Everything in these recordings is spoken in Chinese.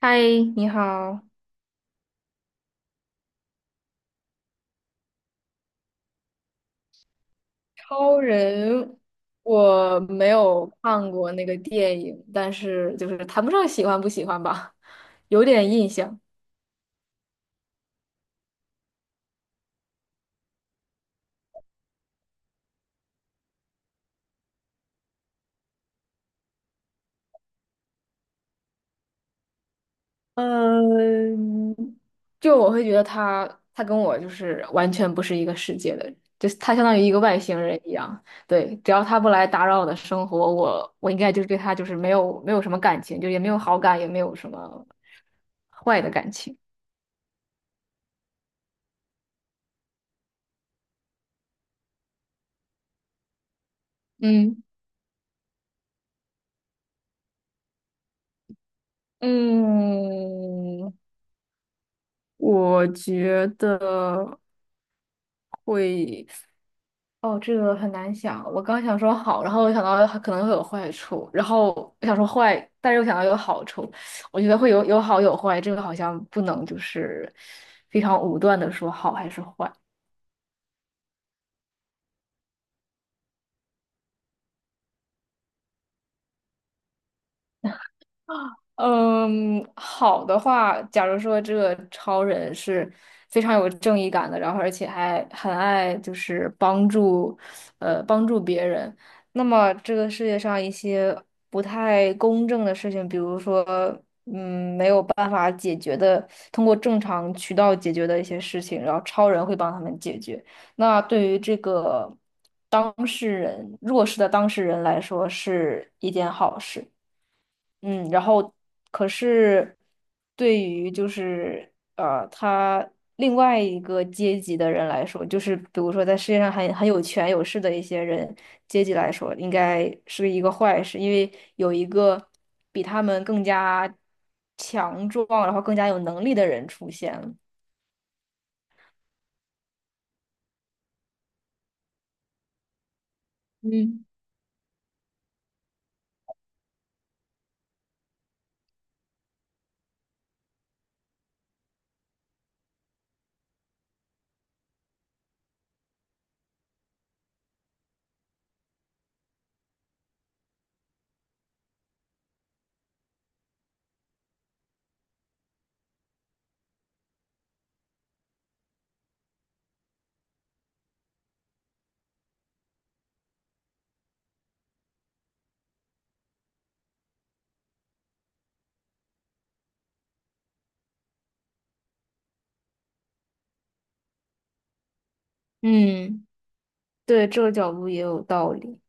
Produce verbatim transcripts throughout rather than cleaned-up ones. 嗨，你好。超人，我没有看过那个电影，但是就是谈不上喜欢不喜欢吧，有点印象。嗯，就我会觉得他，他跟我就是完全不是一个世界的人，就是他相当于一个外星人一样。对，只要他不来打扰我的生活，我我应该就是对他就是没有没有什么感情，就也没有好感，也没有什么坏的感情。嗯，嗯，我觉得会，哦，这个很难想。我刚想说好，然后我想到它可能会有坏处，然后我想说坏，但是又想到有好处。我觉得会有有好有坏，这个好像不能就是非常武断的说好还是坏。嗯，好的话，假如说这个超人是非常有正义感的，然后而且还很爱就是帮助，呃，帮助别人，那么这个世界上一些不太公正的事情，比如说，嗯，没有办法解决的，通过正常渠道解决的一些事情，然后超人会帮他们解决。那对于这个当事人，弱势的当事人来说，是一件好事。嗯，然后可是对于就是呃，他另外一个阶级的人来说，就是比如说在世界上很很有权有势的一些人阶级来说，应该是一个坏事，因为有一个比他们更加强壮，然后更加有能力的人出现了。嗯，嗯，对，这个角度也有道理。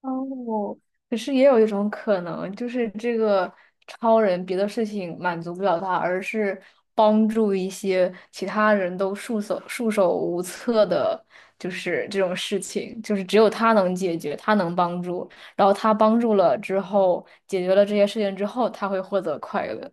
哦，可是也有一种可能，就是这个超人别的事情满足不了他，而是帮助一些其他人都束手束手无策的，就是这种事情，就是只有他能解决，他能帮助，然后他帮助了之后，解决了这些事情之后，他会获得快乐。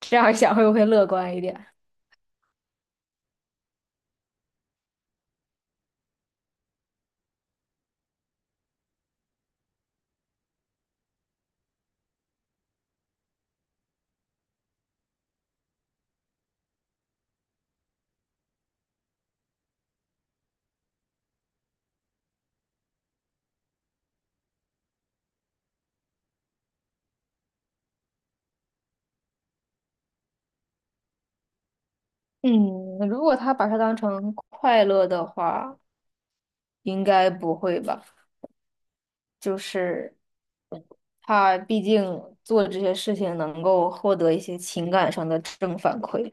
这样想会不会乐观一点？嗯，如果他把它当成快乐的话，应该不会吧？就是。他毕竟做这些事情能够获得一些情感上的正反馈，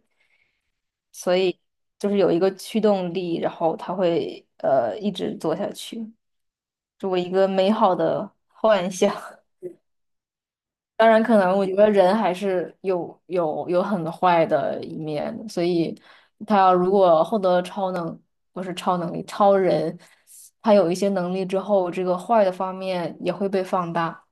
所以就是有一个驱动力，然后他会呃一直做下去，作为一个美好的幻想。当然，可能我觉得人还是有有有很坏的一面的，所以他要如果获得超能，不是超能力，超人，他有一些能力之后，这个坏的方面也会被放大。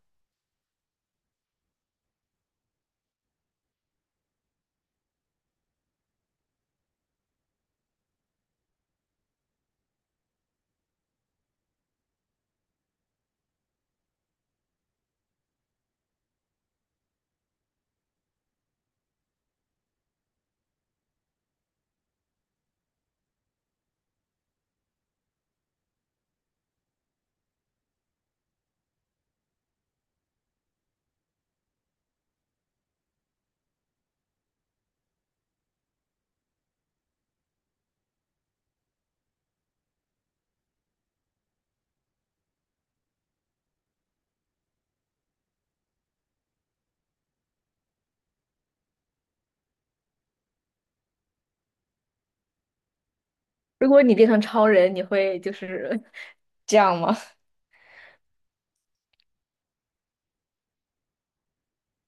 如果你变成超人，你会就是 这样吗？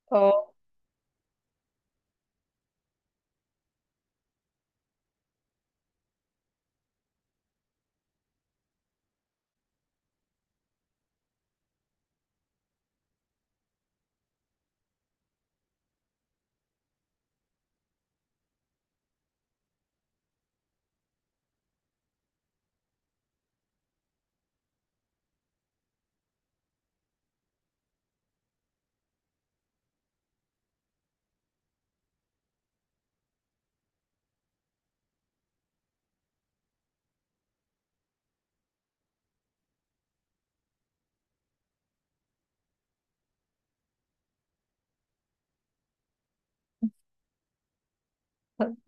哦，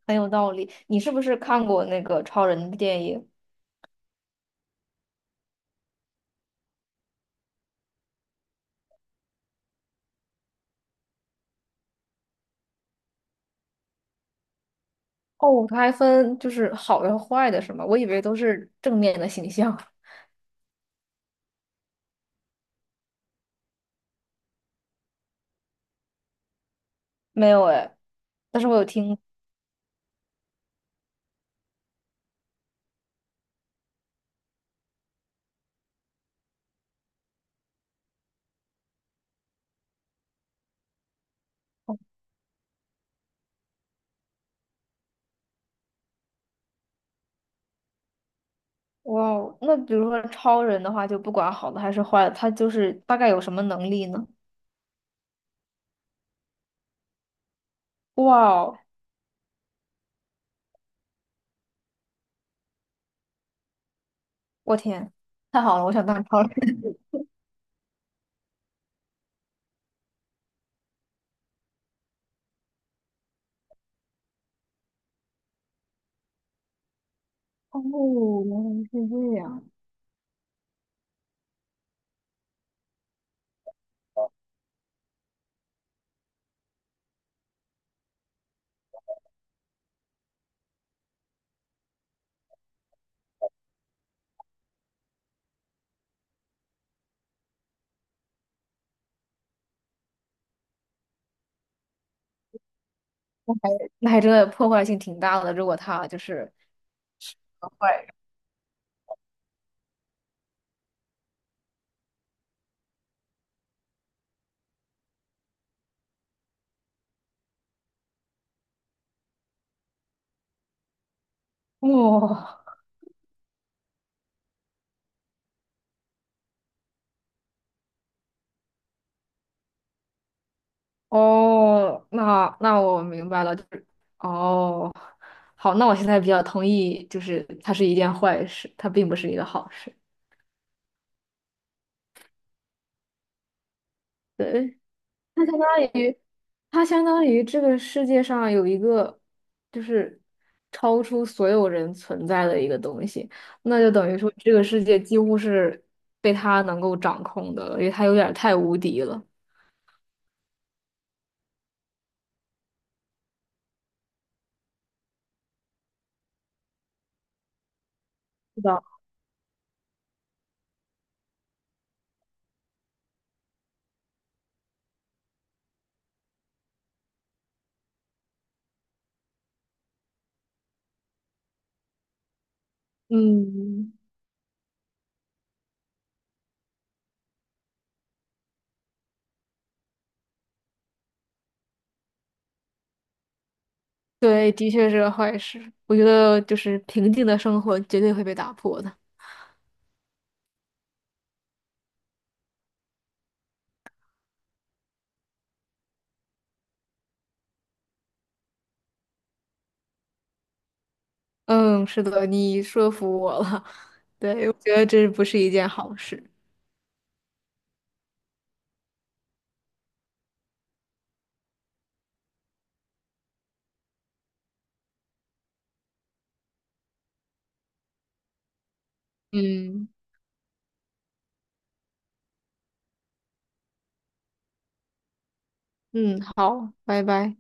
很有道理。你是不是看过那个超人的电影？哦，它还分就是好的和坏的，是吗？我以为都是正面的形象。没有哎，但是我有听。哇哦，那比如说超人的话，就不管好的还是坏的，他就是大概有什么能力呢？哇哦，我天，太好了，我想当超人。哦，原来是这样。那还真的破坏性挺大的，如果他就是坏人。哇、哦，那那我明白了，就是哦，好，那我现在比较同意，就是它是一件坏事，它并不是一个好事。对，它相当于，它相当于这个世界上有一个就是超出所有人存在的一个东西，那就等于说这个世界几乎是被他能够掌控的了，因为他有点儿太无敌了。是的，嗯，对，的确是个坏事。我觉得就是平静的生活绝对会被打破的。嗯，是的，你说服我了。对，我觉得这不是一件好事。嗯，嗯，好，拜拜。